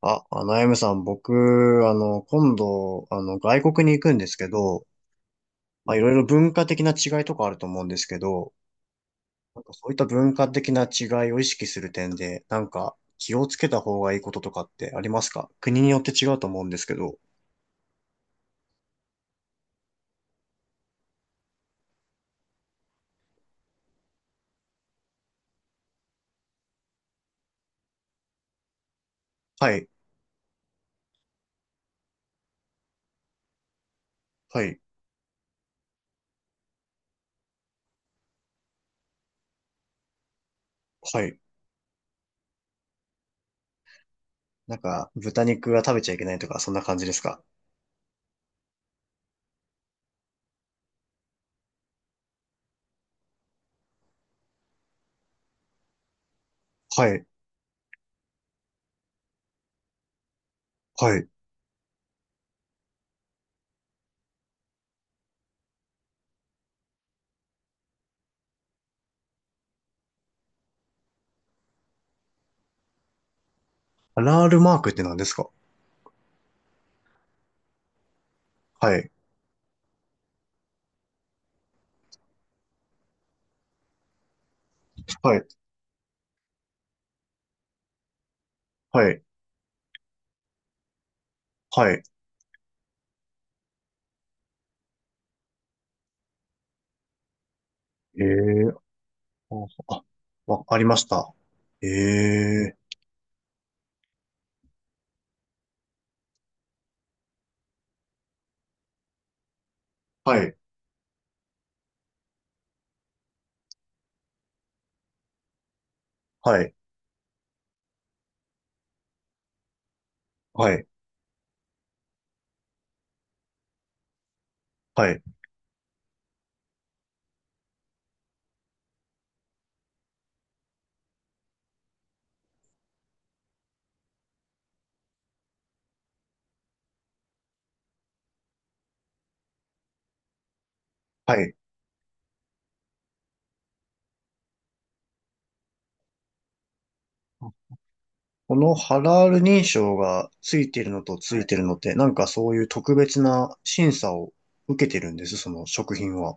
あ、あやむさん、僕、今度、外国に行くんですけど、まあ、いろいろ文化的な違いとかあると思うんですけど、なんかそういった文化的な違いを意識する点で、なんか気をつけた方がいいこととかってありますか？国によって違うと思うんですけど。はい、はい、はい。なんか、豚肉は食べちゃいけないとか、そんな感じですか？はい、はい。ハラールマークって何ですか？はい、はい、はい、はい。ええー、あ、あ、わありました。ええ。はい、はい、はい、はい、はい。このハラール認証がついてるのとついてるのって、なんかそういう特別な審査を受けてるんです、その食品は。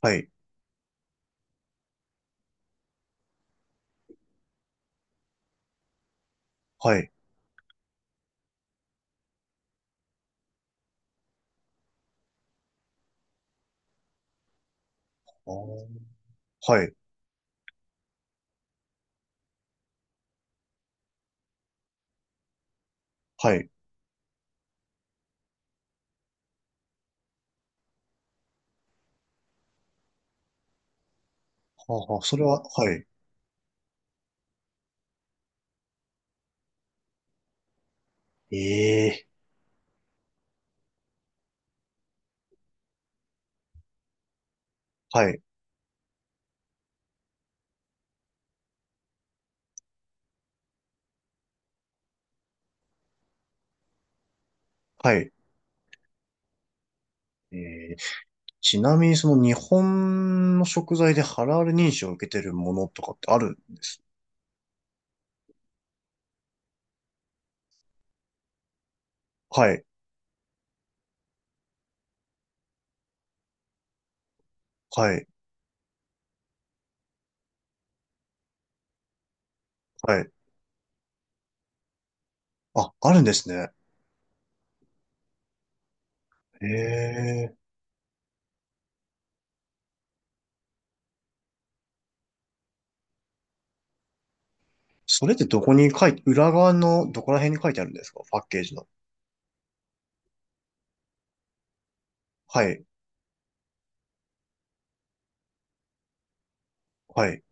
はい、はい。あー、はい、はい。はあはあ、それは、はい。ええ。はい、はい。えー、ちなみにその日本の食材でハラール認証を受けてるものとかってあるんです？はい、はい、はい。あ、あるんですね。へえ。それってどこに書いて、裏側のどこら辺に書いてあるんですか？パッケージの。はい、はい。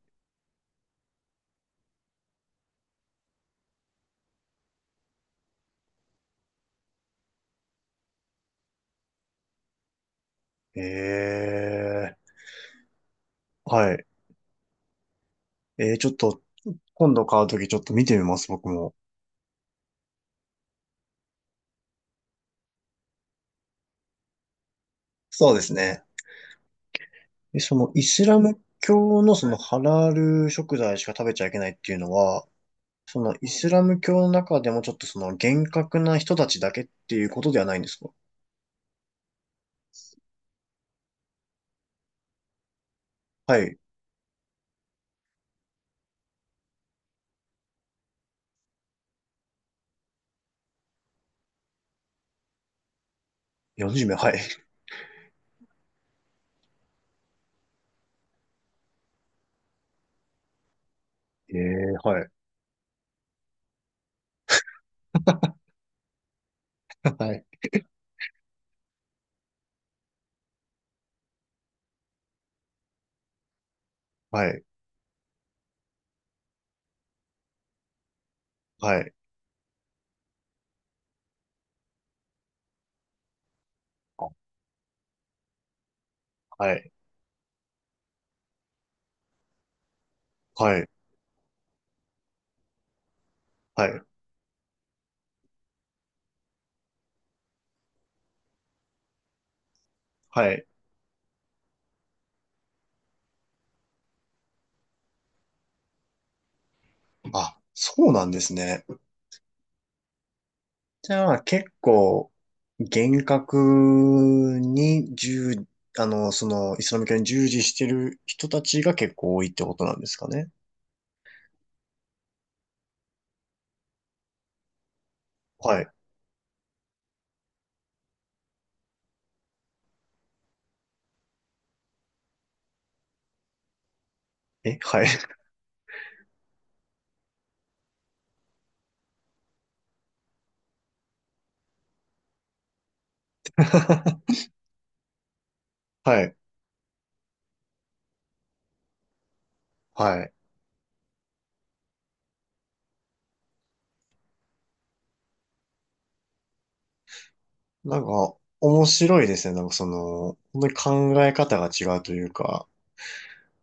ええ、はい。えー、ちょっと、今度買うときちょっと見てみます、僕も。そうですね。え、イスラム教のそのハラール食材しか食べちゃいけないっていうのは、イスラム教の中でもちょっと厳格な人たちだけっていうことではないんですか？はい。40名、はい。ええ、はい。はい。はい。はい。あ、はい。はい。はい。はい。あ、そうなんですね。じゃあ結構厳格に従、そのイスラム教に従事してる人たちが結構多いってことなんですかね。はい。え、はい。はい。はい。なんか面白いですね。なんかその、本当に考え方が違うというか、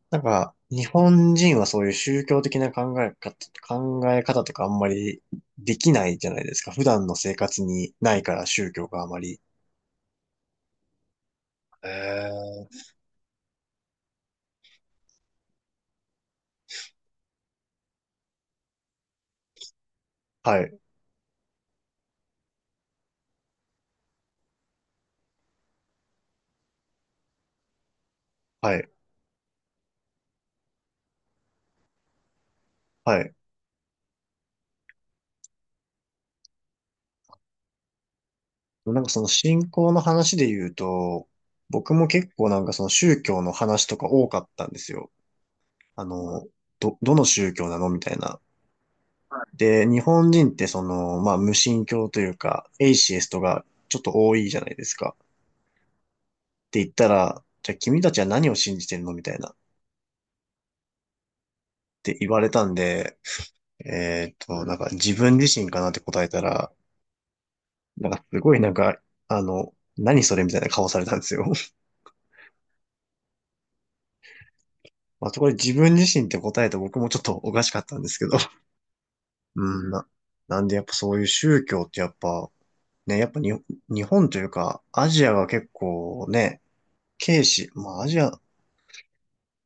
なんか日本人はそういう宗教的な考え方、考え方とかあんまりできないじゃないですか。普段の生活にないから宗教があまり。え、はい、はい、はい。なんかその信仰の話で言うと、僕も結構なんかその宗教の話とか多かったんですよ。あの、ど、どの宗教なのみたいな。で、日本人ってその、まあ無神教というか、エイシエストがちょっと多いじゃないですか。って言ったら、じゃあ君たちは何を信じてるのみたいな。って言われたんで、なんか自分自身かなって答えたら、なんかすごいなんか、何それみたいな顔されたんですよ。まあ、そこで自分自身って答えて僕もちょっとおかしかったんですけど。うん、な、なんでやっぱそういう宗教ってやっぱ、ね、やっぱに、日本というか、アジアが結構ね、軽視、まあアジア、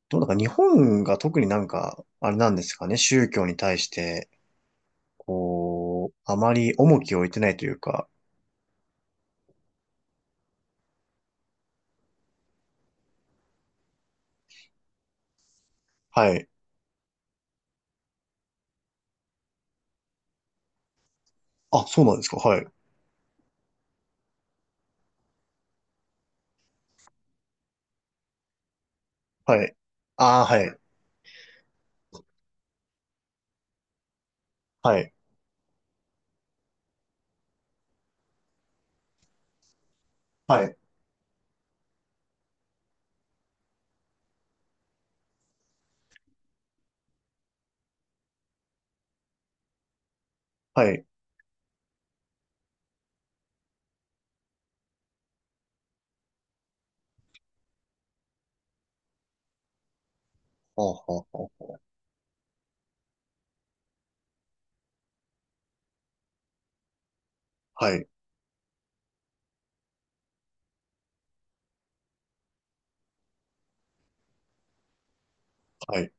どうなんか日本が特になんか、あれなんですかね、宗教に対して、こう、あまり重きを置いてないというか、はい。あ、そうなんですか、はい。はい。ああ、はい。はい。はい。はい。ああ、はい。はい。はい。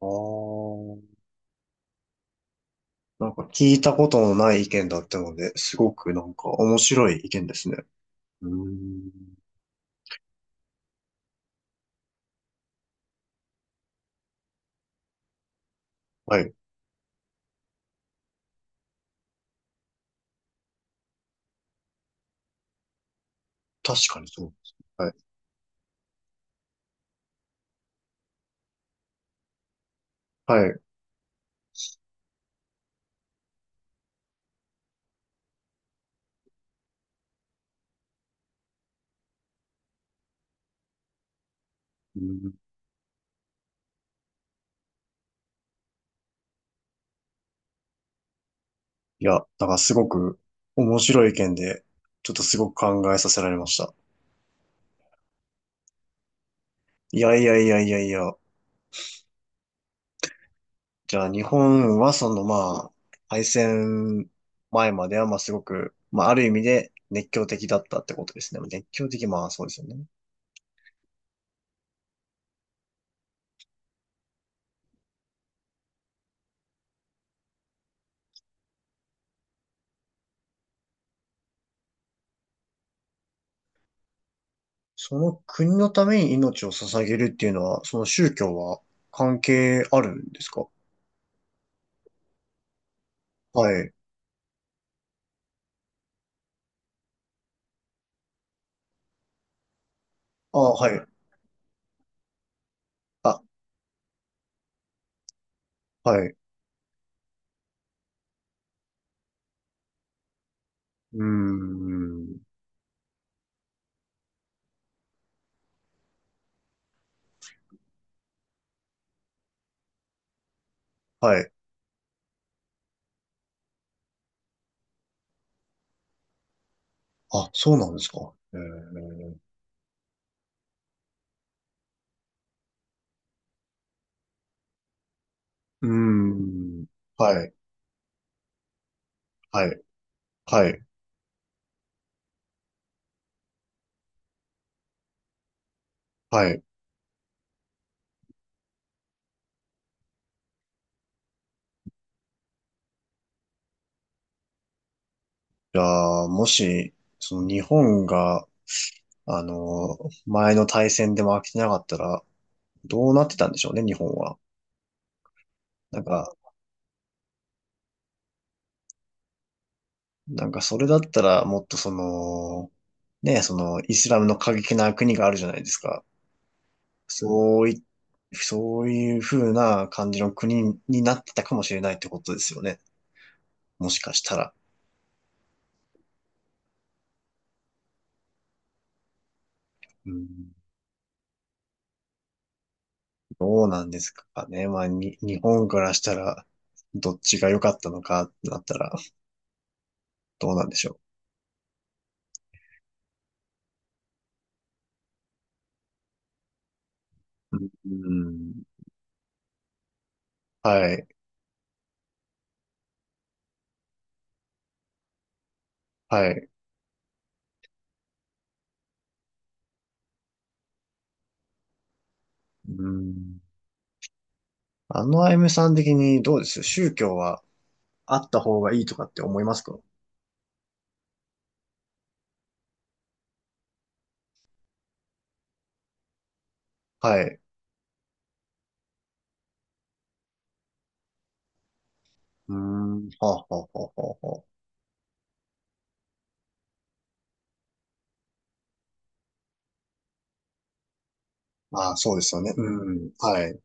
ああ。なんか聞いたことのない意見だったので、すごくなんか面白い意見ですね。うーん。はい。確かにそうですね。はい。はい。うん。いや、なんからすごく面白い意見で、ちょっとすごく考えさせられました。いやいやいやいやいや。じゃあ日本はそのまあ、敗戦前まではまあすごく、まあある意味で熱狂的だったってことですね。熱狂的、まあそうですよね。その国のために命を捧げるっていうのは、その宗教は関係あるんですか？はい。あ、はい。あ、はい。うーん。はい。あ、そうなんですか。えー、うーん。はい。はい。はい。はい。じゃあ、もし、その日本が、あの、前の大戦で負けてなかったら、どうなってたんでしょうね、日本は。なんか、なんかそれだったらもっとその、ね、そのイスラムの過激な国があるじゃないですか。そうい、そういう風な感じの国になってたかもしれないってことですよね。もしかしたら。うん、どうなんですかね。まあ、に、日本からしたら、どっちが良かったのかってなったら、どうなんでしょう。うん、はい、はい。うん、あのあゆむさん的にどうです？宗教はあった方がいいとかって思いますか？はい。うーん。はあ、はあ、はあ、はあ。はあ、あー、そうですよね。うん。はい。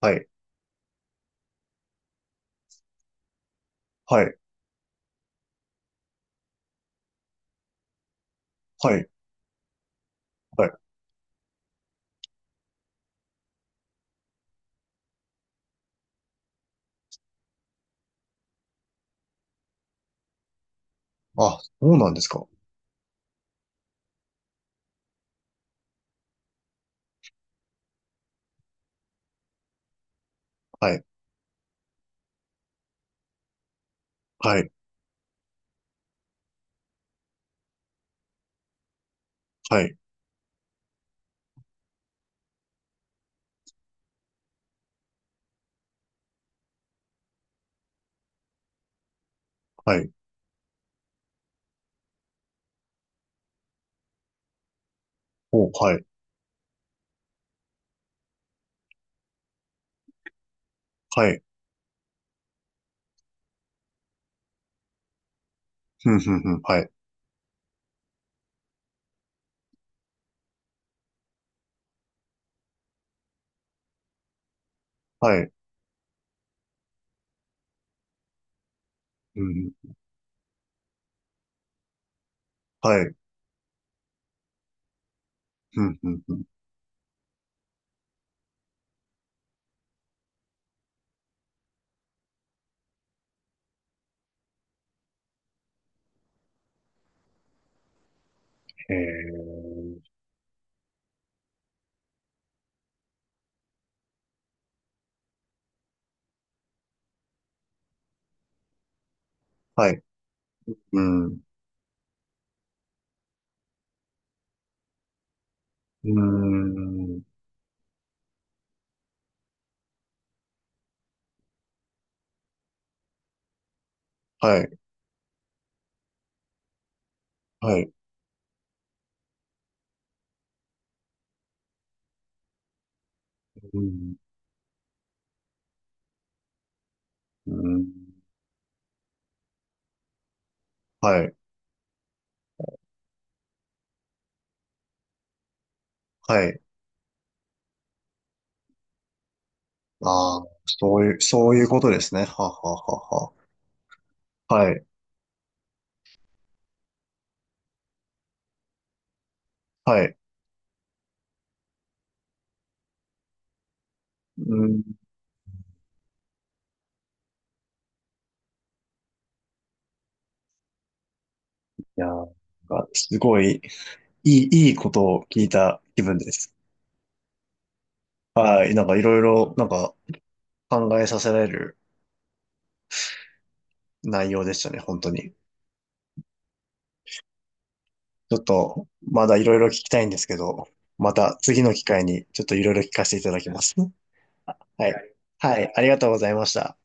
はい。はい。はい。はい。あ、そうなんですか。はい。はい。はい。はい。お、はい。はい。ふんふんふん。はい。はい。うん。はい。ふんふんふん。へえ。はい。うん。うーん。はい。はい。うん。うん。はい。はい。ああ、そういう、そういうことですね。はあはあはあはあ。はい。はい。うん。いやー、なんかすごい、いい、いいことを聞いた気分です。はい。なんかいろいろ、なんか考えさせられる内容でしたね、本当に。ちょっと、まだいろいろ聞きたいんですけど、また次の機会にちょっといろいろ聞かせていただきます。はい。はい。ありがとうございました。